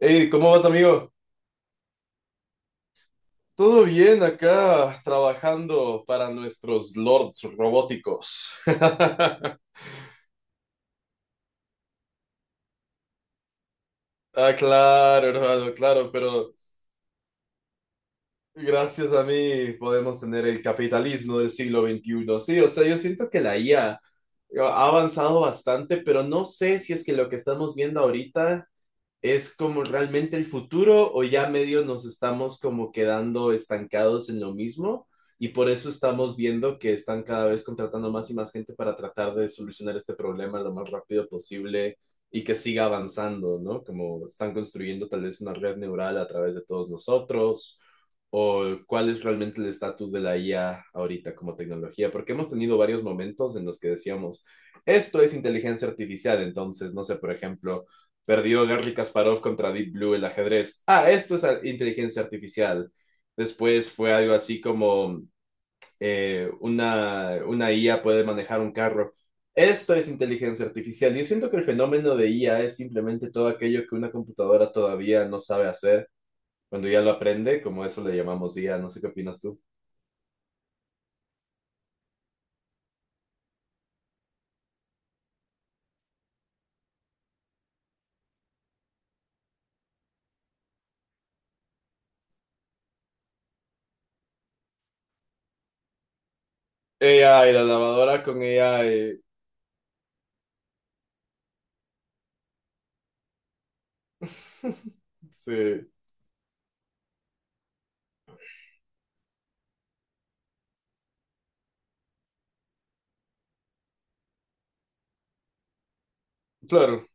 Hey, ¿cómo vas, amigo? Todo bien acá, trabajando para nuestros lords robóticos. Ah, claro, hermano, claro, pero gracias a mí podemos tener el capitalismo del siglo XXI. Sí, o sea, yo siento que la IA ha avanzado bastante, pero no sé si es que lo que estamos viendo ahorita. ¿Es como realmente el futuro o ya medio nos estamos como quedando estancados en lo mismo? Y por eso estamos viendo que están cada vez contratando más y más gente para tratar de solucionar este problema lo más rápido posible y que siga avanzando, ¿no? Como están construyendo tal vez una red neural a través de todos nosotros, o cuál es realmente el estatus de la IA ahorita como tecnología, porque hemos tenido varios momentos en los que decíamos, esto es inteligencia artificial. Entonces, no sé, por ejemplo, perdió Garry Kasparov contra Deep Blue el ajedrez. Ah, esto es inteligencia artificial. Después fue algo así como una IA puede manejar un carro. Esto es inteligencia artificial. Yo siento que el fenómeno de IA es simplemente todo aquello que una computadora todavía no sabe hacer cuando ya lo aprende, como eso le llamamos IA. No sé qué opinas tú. AI, la lavadora con AI. Sí, claro.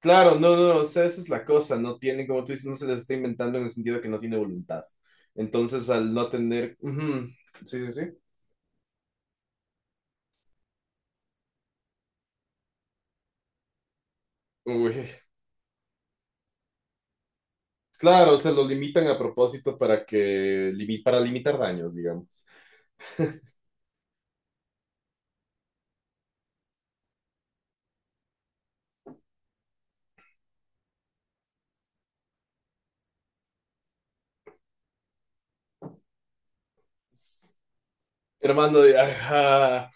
Claro, no, no, no, o sea, esa es la cosa, no tiene, como tú dices, no se les está inventando en el sentido de que no tiene voluntad. Entonces, al no tener, ujú, sí, sí, sí, uy, claro, se lo limitan a propósito para que, para limitar daños, digamos. Hermano, ajá.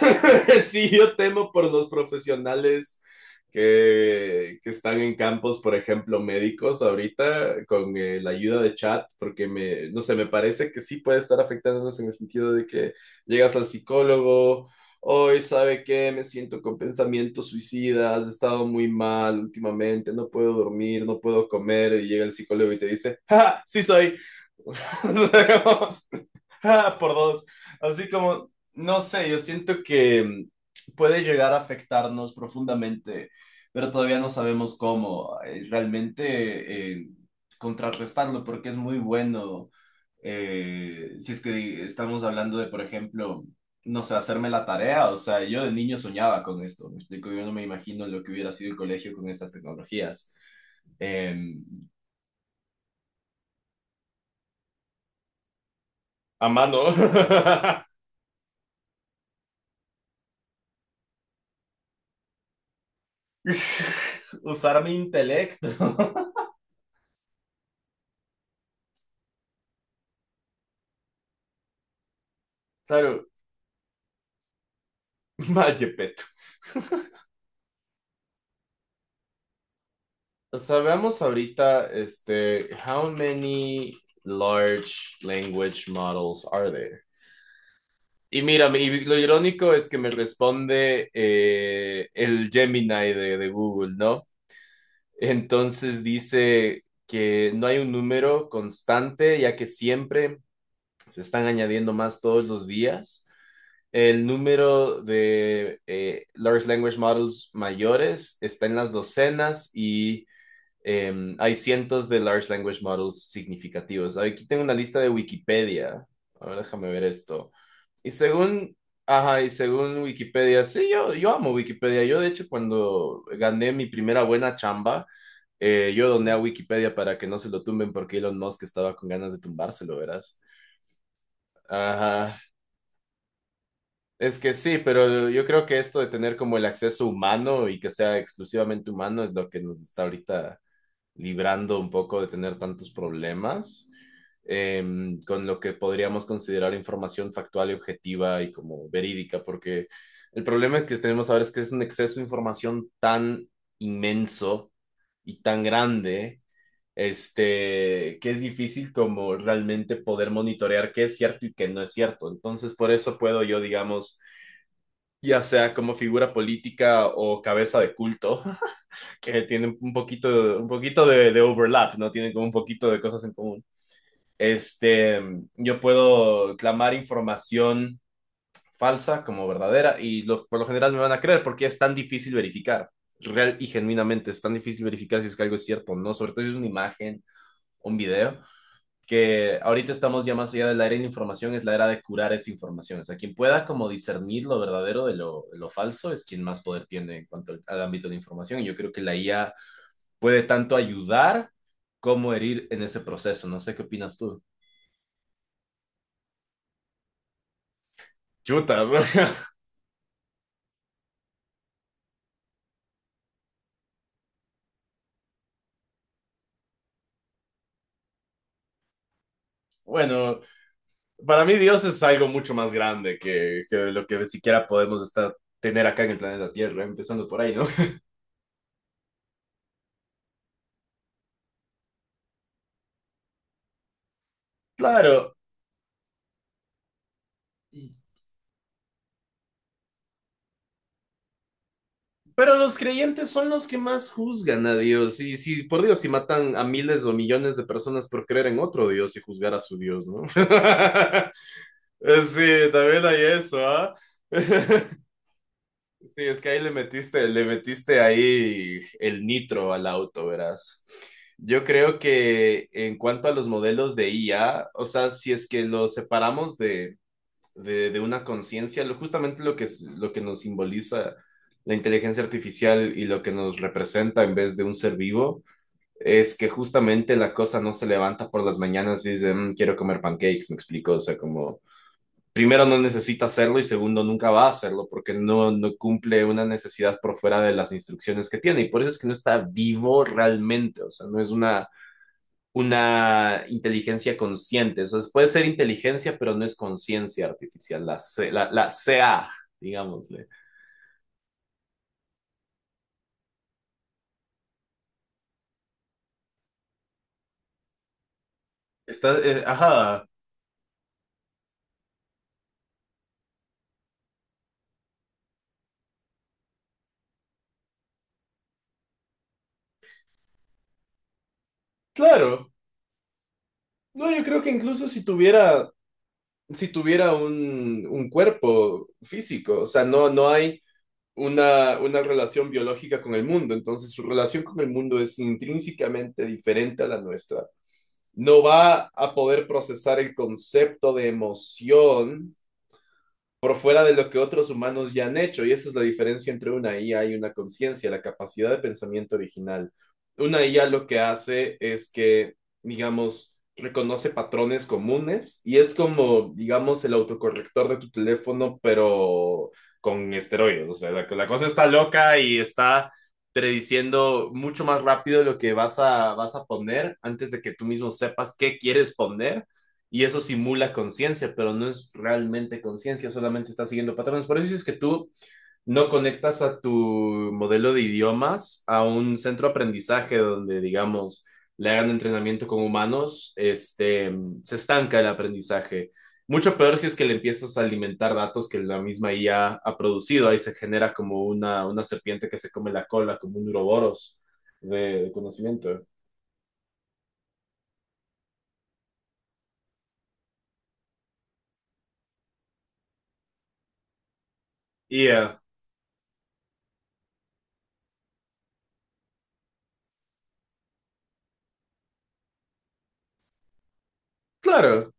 Sí, yo temo por los profesionales que están en campos, por ejemplo, médicos ahorita, con la ayuda de chat, porque me, no sé, me parece que sí puede estar afectándonos en el sentido de que llegas al psicólogo, hoy sabe qué, me siento con pensamientos suicidas, he estado muy mal últimamente, no puedo dormir, no puedo comer, y llega el psicólogo y te dice, ¡Ja, ja, sí soy. O sea, como, Ah, por dos. Así como, no sé, yo siento que puede llegar a afectarnos profundamente, pero todavía no sabemos cómo realmente contrarrestarlo, porque es muy bueno, si es que estamos hablando de, por ejemplo, no sé, hacerme la tarea, o sea, yo de niño soñaba con esto, me explico, yo no me imagino lo que hubiera sido el colegio con estas tecnologías. Em, a mano. Usar mi intelecto. Claro, vaya peto. Sabemos ahorita, este, how many large language models are there? Y mira, y lo irónico es que me responde el Gemini de Google, ¿no? Entonces dice que no hay un número constante, ya que siempre se están añadiendo más todos los días. El número de large language models mayores está en las docenas y hay cientos de large language models significativos. Aquí tengo una lista de Wikipedia. A ver, déjame ver esto. Y según, ajá, y según Wikipedia, sí, yo amo Wikipedia. Yo, de hecho, cuando gané mi primera buena chamba, yo doné a Wikipedia para que no se lo tumben porque Elon Musk estaba con ganas de tumbárselo, verás. Ajá. Es que sí, pero yo creo que esto de tener como el acceso humano y que sea exclusivamente humano es lo que nos está ahorita librando un poco de tener tantos problemas, eh, con lo que podríamos considerar información factual y objetiva y como verídica, porque el problema que tenemos ahora es que es un exceso de información tan inmenso y tan grande, este, que es difícil como realmente poder monitorear qué es cierto y qué no es cierto. Entonces, por eso puedo yo, digamos, ya sea como figura política o cabeza de culto, que tienen un poquito de overlap, ¿no? Tienen como un poquito de cosas en común. Este, yo puedo clamar información falsa como verdadera y los, por lo general me van a creer porque es tan difícil verificar, real y genuinamente, es tan difícil verificar si es que algo es cierto o no, sobre todo si es una imagen, un video, que ahorita estamos ya más allá de la era de la información, es la era de curar esa información. O sea, quien pueda como discernir lo verdadero de lo falso es quien más poder tiene en cuanto al ámbito de información. Y yo creo que la IA puede tanto ayudar como herir en ese proceso. No sé qué opinas tú. Chuta, bueno, para mí Dios es algo mucho más grande que lo que siquiera podemos estar, tener acá en el planeta Tierra, empezando por ahí, ¿no? Claro, pero los creyentes son los que más juzgan a Dios. Y si, por Dios, si matan a miles o millones de personas por creer en otro Dios y juzgar a su Dios, ¿no? Sí, también hay eso, ¿ah? ¿eh? Sí, es que ahí le metiste ahí el nitro al auto, verás. Yo creo que en cuanto a los modelos de IA, o sea, si es que los separamos de una conciencia, justamente lo que, lo que nos simboliza la inteligencia artificial y lo que nos representa en vez de un ser vivo, es que justamente la cosa no se levanta por las mañanas y dice, "Mm, quiero comer pancakes, me explico, o sea, como primero no necesita hacerlo y segundo nunca va a hacerlo porque no cumple una necesidad por fuera de las instrucciones que tiene y por eso es que no está vivo realmente, o sea, no es una inteligencia consciente, o sea, puede ser inteligencia pero no es conciencia artificial, C, la CA, digámosle. Está, ajá, claro, no, yo creo que incluso si tuviera un cuerpo físico, o sea, no hay una relación biológica con el mundo. Entonces, su relación con el mundo es intrínsecamente diferente a la nuestra. No va a poder procesar el concepto de emoción por fuera de lo que otros humanos ya han hecho. Y esa es la diferencia entre una IA y una conciencia, la capacidad de pensamiento original. Una IA lo que hace es que, digamos, reconoce patrones comunes y es como, digamos, el autocorrector de tu teléfono, pero con esteroides. O sea, la cosa está loca y está prediciendo mucho más rápido lo que vas a poner antes de que tú mismo sepas qué quieres poner y eso simula conciencia, pero no es realmente conciencia, solamente está siguiendo patrones. Por eso es que tú no conectas a tu modelo de idiomas a un centro de aprendizaje donde, digamos, le hagan entrenamiento con humanos, este, se estanca el aprendizaje. Mucho peor si es que le empiezas a alimentar datos que la misma IA ha producido. Ahí se genera como una serpiente que se come la cola, como un uroboros de conocimiento. Y yeah. Claro,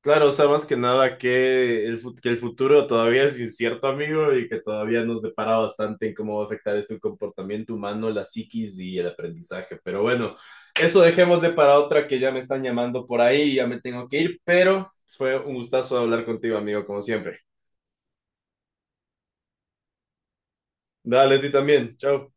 claro, o sea, más que nada que el futuro todavía es incierto, amigo, y que todavía nos depara bastante en cómo va a afectar esto el comportamiento humano, la psiquis y el aprendizaje. Pero bueno, eso dejemos de para otra que ya me están llamando por ahí y ya me tengo que ir, pero fue un gustazo hablar contigo, amigo, como siempre. Dale, a ti también. Chao.